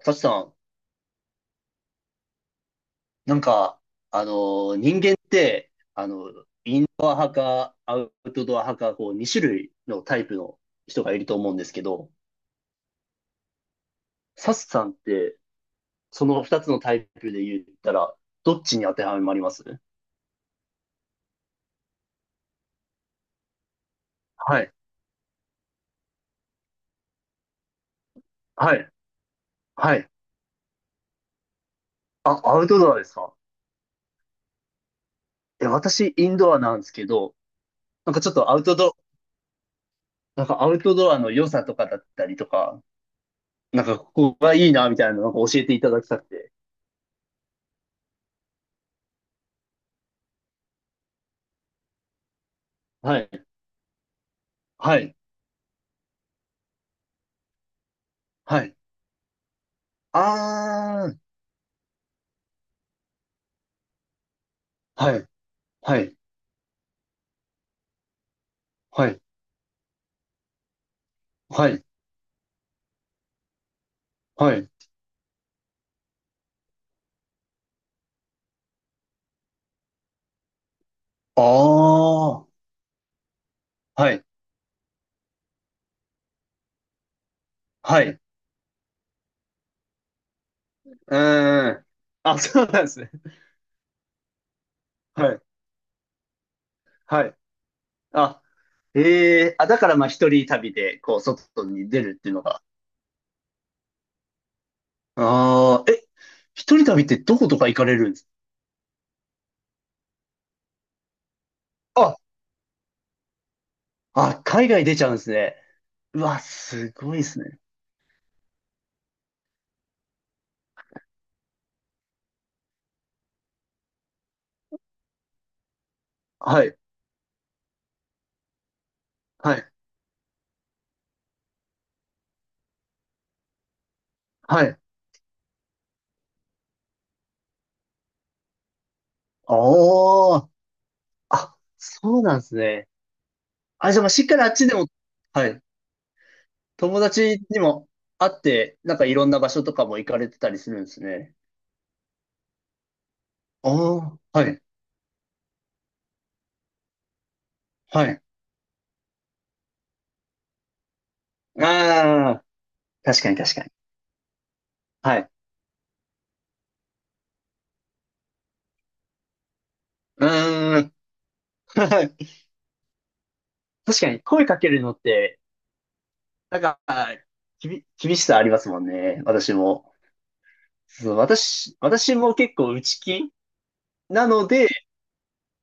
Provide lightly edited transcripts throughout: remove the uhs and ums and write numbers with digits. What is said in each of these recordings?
サチさん、なんか、あの人間って、インドア派か、アウトドア派か、こう、2種類のタイプの人がいると思うんですけど、サチさんって、その2つのタイプで言ったら、どっちに当てはまります？はい、はい、はい。あ、アウトドアですか？え、私、インドアなんですけど、なんかちょっとアウトド、なんかアウトドアの良さとかだったりとか、なんかここがいいな、みたいなのなんか教えていただきたくて。はい、はい、はい。あー、はいはい、はい、はい、はい。ああ、はい、はい。うーん。あ、そうなんですね。はい、はい。あ、ええ、あ、だからまあ一人旅で、こう、外に出るっていうのが。ああ、え、一人旅ってどことか行かれるんですか？あ、あ、海外出ちゃうんですね。うわ、すごいですね。はい、はい、はい。ああ、あ、そうなんですね。あ、じゃあまあしっかりあっちでも、はい。友達にも会って、なんかいろんな場所とかも行かれてたりするんですね。ああ、はい、はい。ああ、確かに確かに。はい。うーん。はい。確かに声かけるのって、なんか、厳しさありますもんね。私も。そう、私も結構内気なので、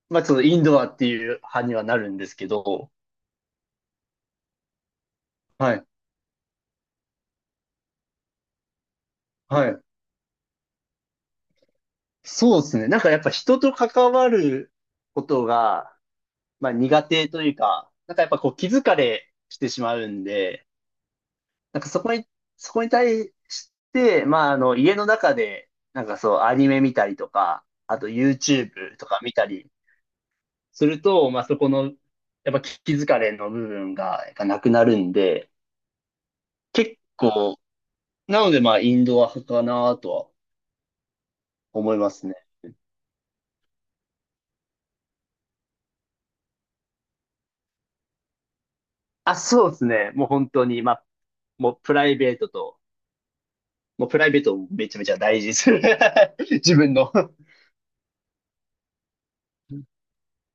まあ、そのインドアっていう派にはなるんですけど、はい、はい。そうですね。なんかやっぱ人と関わることが、まあ苦手というか、なんかやっぱこう気疲れしてしまうんで、なんかそこに対して、まあ家の中で、なんかそうアニメ見たりとか、あと YouTube とか見たりすると、まあそこの、やっぱ気疲れの部分がやっぱなくなるんで、結構、なのでまあインドア派かなとは思いますね。あ、そうですね。もう本当に、まあ、もうプライベートと、もうプライベートをめちゃめちゃ大事にする。自分の。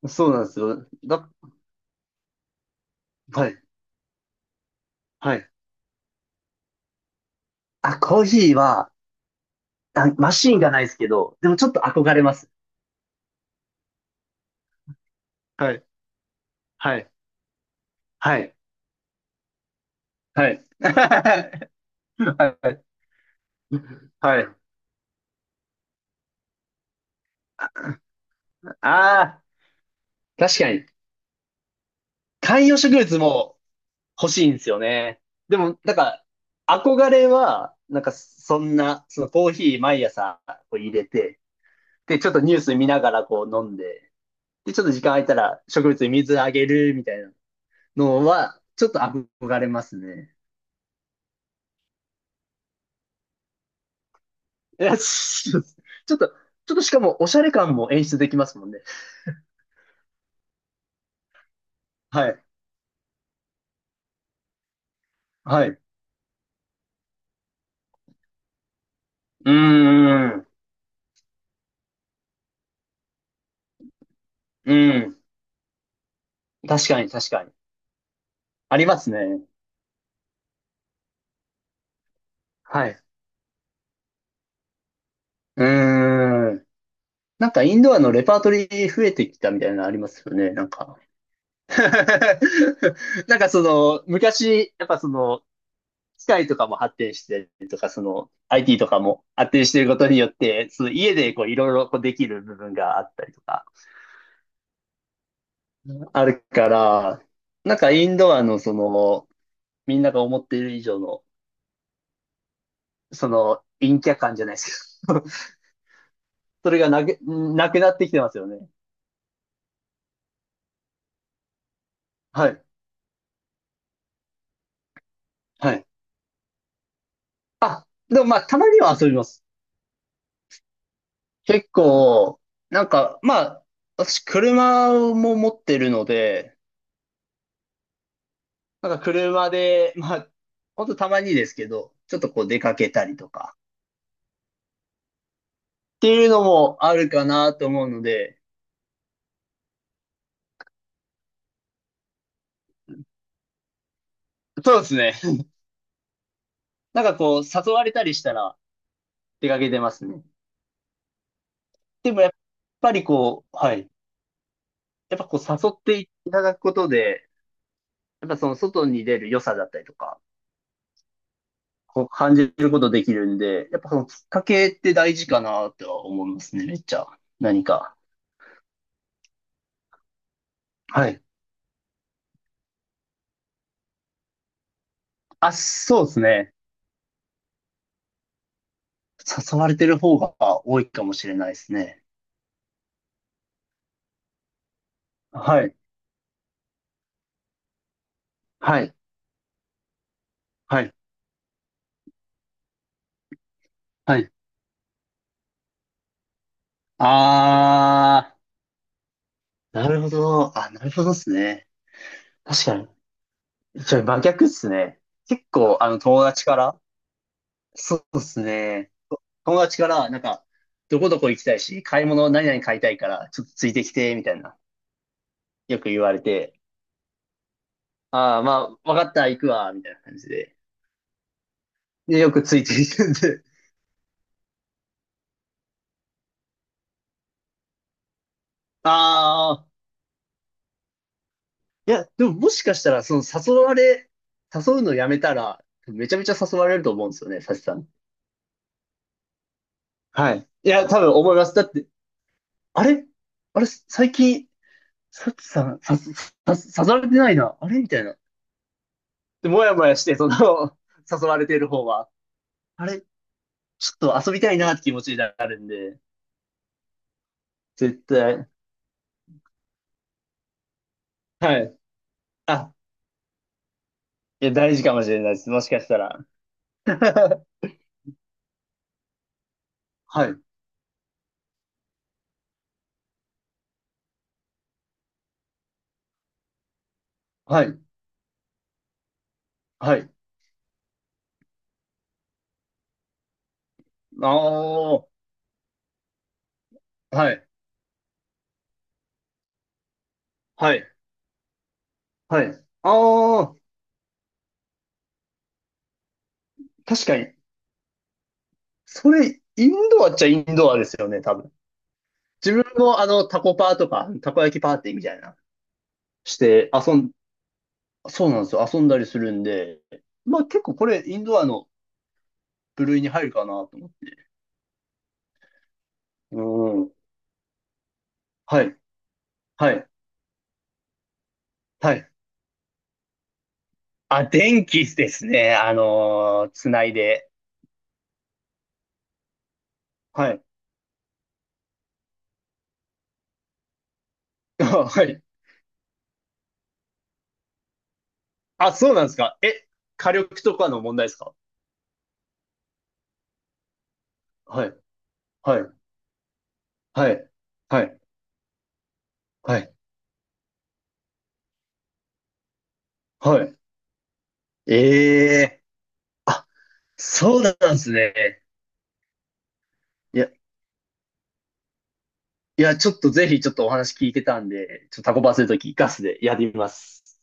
そうなんですよ。はい。はい。あ、コーヒーは、あ、マシーンがないですけど、でもちょっと憧れます。はい。はい。はい。はい。はい。はい。ああ、確かに。観葉植物も欲しいんですよね。でも、なんか、憧れは、なんか、そんな、そのコーヒー毎朝こう入れて、で、ちょっとニュース見ながらこう飲んで、で、ちょっと時間空いたら植物に水あげるみたいなのは、ちょっと憧れますね。いや、ちょっとちょっとしかも、おしゃれ感も演出できますもんね。はい。はい。うーん。うん。確かに、確かに。ありますね。はい。うーん。なんか、インドアのレパートリー増えてきたみたいなのありますよね、なんか。なんか、その、昔、やっぱその、機械とかも発展してとか、その、IT とかも発展していることによって、その家でこう、いろいろこうできる部分があったりとか。あるから、なんかインドアのその、みんなが思っている以上の、その、陰キャ感じゃないですけど、それがなく、なくなってきてますよね。はい。はい。でもまあ、たまには遊びます。結構、なんか、まあ、私、車も持ってるので、なんか車で、まあ、ほんとたまにですけど、ちょっとこう出かけたりとか、っていうのもあるかなと思うので、そうですね。なんかこう、誘われたりしたら出かけてますね。でもやっぱりこう、はい。やっぱこう誘っていただくことで、やっぱその外に出る良さだったりとか、こう感じることできるんで、やっぱそのきっかけって大事かなとは思いますね、めっちゃ。何か。はい。あ、そうですね。誘われてる方が多いかもしれないですね。はい。はい。はい。はい。あー、なるほど。あ、なるほどですね。確かに。じゃ真逆っすね。結構、友達から、そうですね。友達から、なんか、どこどこ行きたいし、買い物何々買いたいから、ちょっとついてきて、みたいな、よく言われて、ああ、まあ、わかった、行くわ、みたいな感じで。で、よくついてきてんで、ああ、いや、でももしかしたら、その誘われ、誘うのやめたら、めちゃめちゃ誘われると思うんですよね、サチさん。はい。いや、多分思います。だって、あれあれ、最近、サチさん、さ、さ、さ誘われてないな。あれみたいな。で、もやもやして、その、誘われてる方は、あれちょっと遊びたいなって気持ちになるんで、絶対。はい。あ、いや、大事かもしれないです。もしかしたら。はい。はい。はい。ああ、はい。はい。はい。ああ、確かに。それ、インドアっちゃインドアですよね、多分。自分もタコパーとか、たこ焼きパーティーみたいな、して遊ん、そうなんですよ。遊んだりするんで、まあ結構これ、インドアの部類に入るかなと思って。うん。はい。はい。はい。あ、電気ですね。つないで。はい。あ、はい。あ、そうなんですか。え、火力とかの問題ですか？はい。はい。はい。はい。はい。はい。ええー、あ、そうなんですね。いや、いや、ちょっとぜひちょっとお話聞いてたんで、ちょっとタコパするときガスでやってみます。